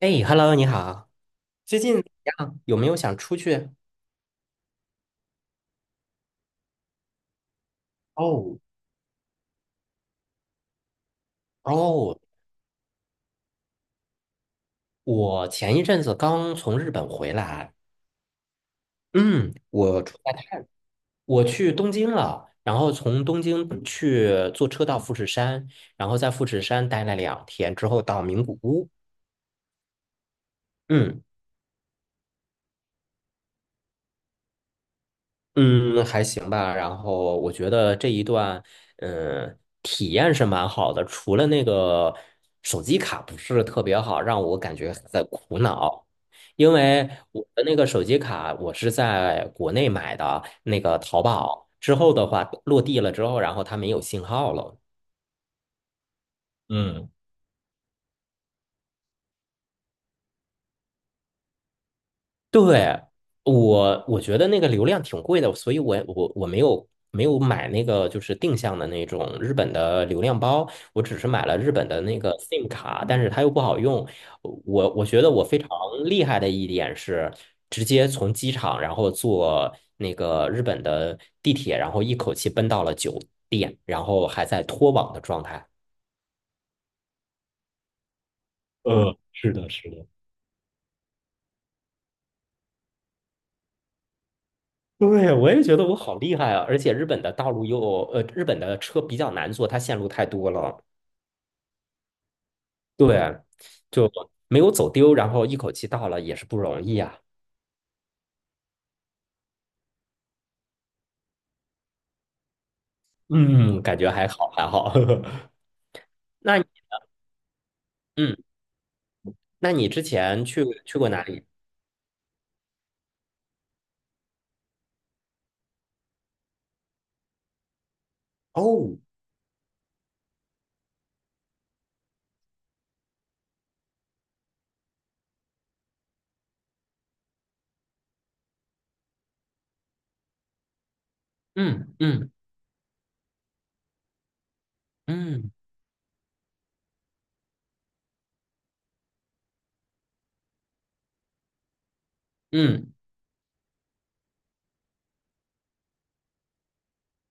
哎，Hello,你好，最近怎么样？有没有想出去？哦哦，我前一阵子刚从日本回来，嗯，我出来看，我去东京了，然后从东京去坐车到富士山，然后在富士山待了2天之后到名古屋，嗯。嗯，还行吧。然后我觉得这一段，嗯，体验是蛮好的，除了那个手机卡不是特别好，让我感觉在苦恼。因为我的那个手机卡，我是在国内买的，那个淘宝之后的话，落地了之后，然后它没有信号了。嗯。对，我觉得那个流量挺贵的，所以我没有买那个就是定向的那种日本的流量包，我只是买了日本的那个 SIM 卡，但是它又不好用。我觉得我非常厉害的一点是，直接从机场，然后坐那个日本的地铁，然后一口气奔到了酒店，然后还在脱网的状态。是的，是的。对，我也觉得我好厉害啊！而且日本的道路又，日本的车比较难坐，它线路太多了。对，就没有走丢，然后一口气到了也是不容易啊。嗯，感觉还好，还好。那你嗯，那你之前去过哪里？嗯嗯嗯嗯，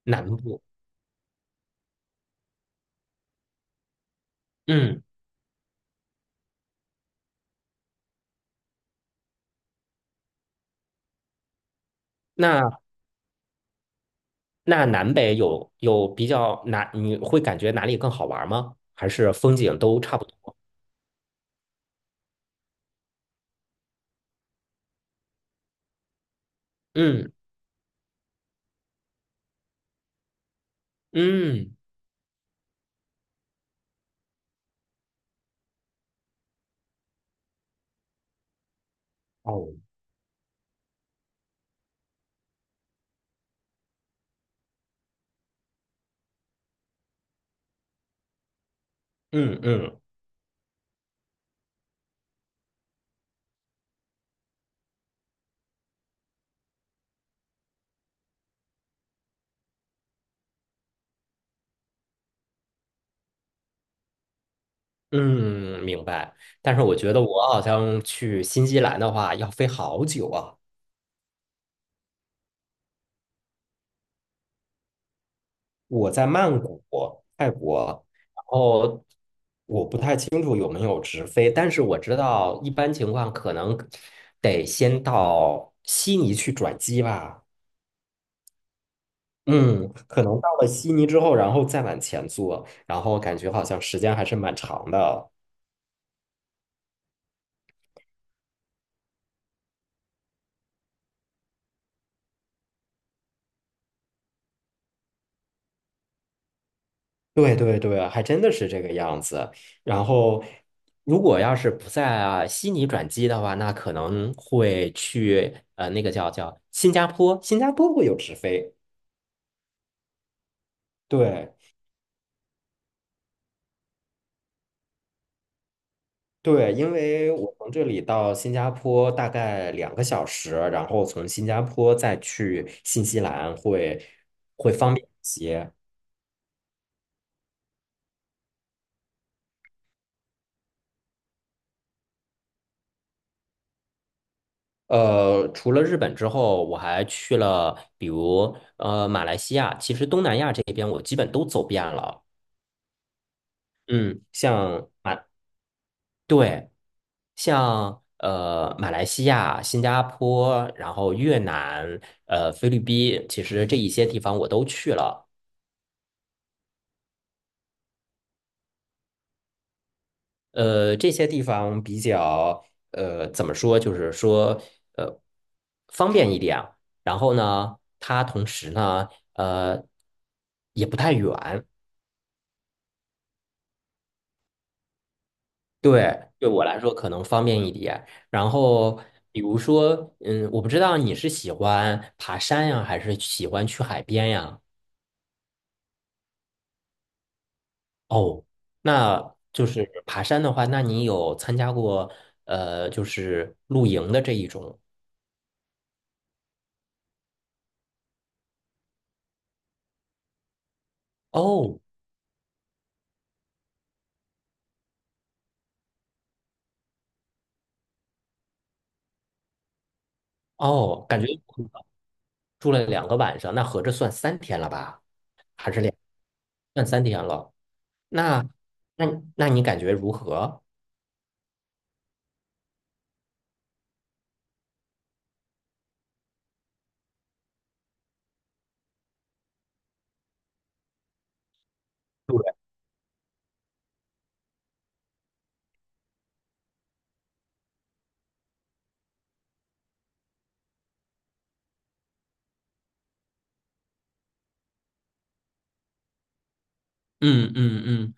南部。嗯，那那南北有比较哪？你会感觉哪里更好玩吗？还是风景都差不多？嗯嗯，哦，嗯嗯。嗯，明白。但是我觉得我好像去新西兰的话要飞好久啊。我在曼谷、泰国，然后我不太清楚有没有直飞，但是我知道一般情况可能得先到悉尼去转机吧。嗯，可能到了悉尼之后，然后再往前坐，然后感觉好像时间还是蛮长的。对对对，还真的是这个样子。然后，如果要是不在啊悉尼转机的话，那可能会去那个叫新加坡，新加坡会有直飞。对对，因为我从这里到新加坡大概2个小时，然后从新加坡再去新西兰会方便一些。除了日本之后，我还去了比如马来西亚，其实东南亚这边我基本都走遍了。嗯，像马，对，像马来西亚、新加坡，然后越南、菲律宾，其实这一些地方我都去了。这些地方比较怎么说，就是说呃方便一点。然后呢，它同时呢，呃也不太远。对，对我来说可能方便一点。然后，比如说，嗯，我不知道你是喜欢爬山呀，还是喜欢去海边呀？哦，那就是爬山的话，那你有参加过就是露营的这一种？哦哦，感觉住了2个晚上，那合着算三天了吧？还是两，算三天了。那那那你感觉如何？对，嗯嗯嗯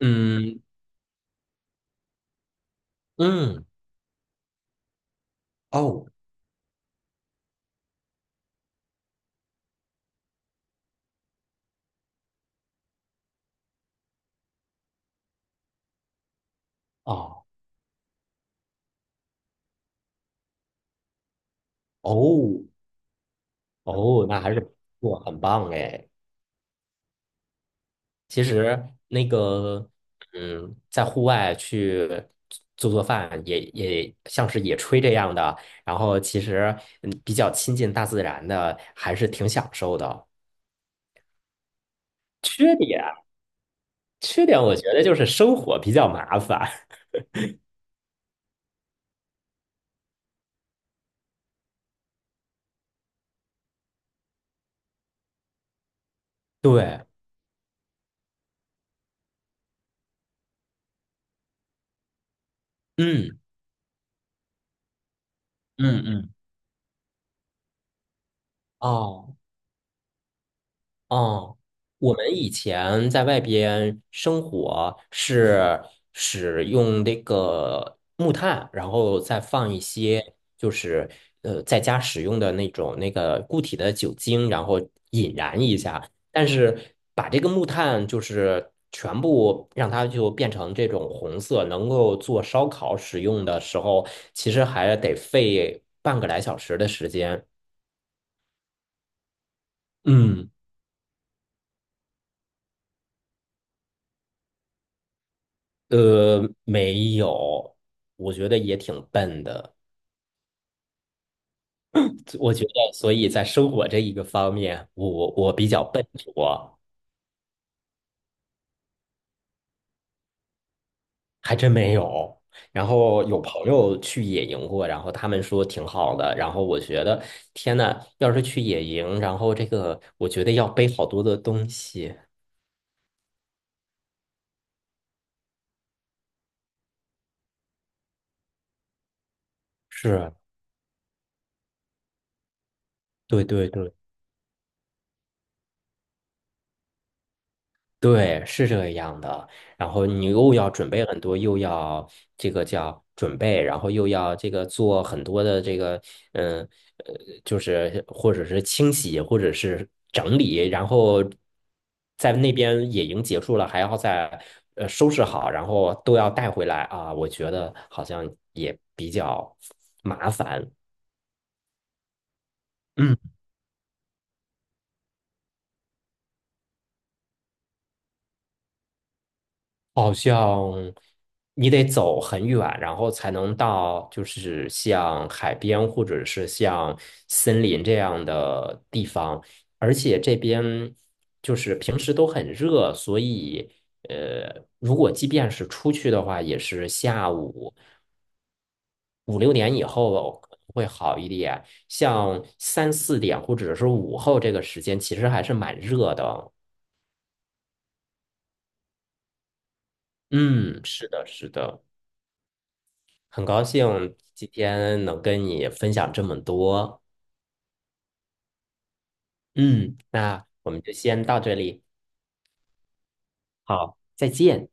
嗯嗯，哦哦。哦哦，那还是不错，很棒哎。其实那个，嗯，在户外去做饭也，也像是野炊这样的，然后其实嗯，比较亲近大自然的，还是挺享受的。缺点我觉得就是生火比较麻烦。对，嗯，嗯嗯，哦。哦，我们以前在外边生火是使用那个木炭，然后再放一些就是在家使用的那种那个固体的酒精，然后引燃一下。但是把这个木炭就是全部让它就变成这种红色，能够做烧烤使用的时候，其实还得费半个来小时的时间。嗯。没有，我觉得也挺笨的。我觉得，所以在生活这一个方面，我比较笨拙，还真没有。然后有朋友去野营过，然后他们说挺好的。然后我觉得，天呐，要是去野营，然后这个，我觉得要背好多的东西。是，对对对。对，是这样的。然后你又要准备很多，又要这个叫准备，然后又要这个做很多的这个，嗯呃，就是或者是清洗，或者是整理，然后在那边野营结束了，还要再收拾好，然后都要带回来啊。我觉得好像也比较麻烦。嗯。好像你得走很远，然后才能到，就是像海边或者是像森林这样的地方。而且这边就是平时都很热，所以如果即便是出去的话，也是下午5、6点以后可能会好一点。像3、4点或者是午后这个时间，其实还是蛮热的。嗯，是的，是的。很高兴今天能跟你分享这么多。嗯，那我们就先到这里，好，再见。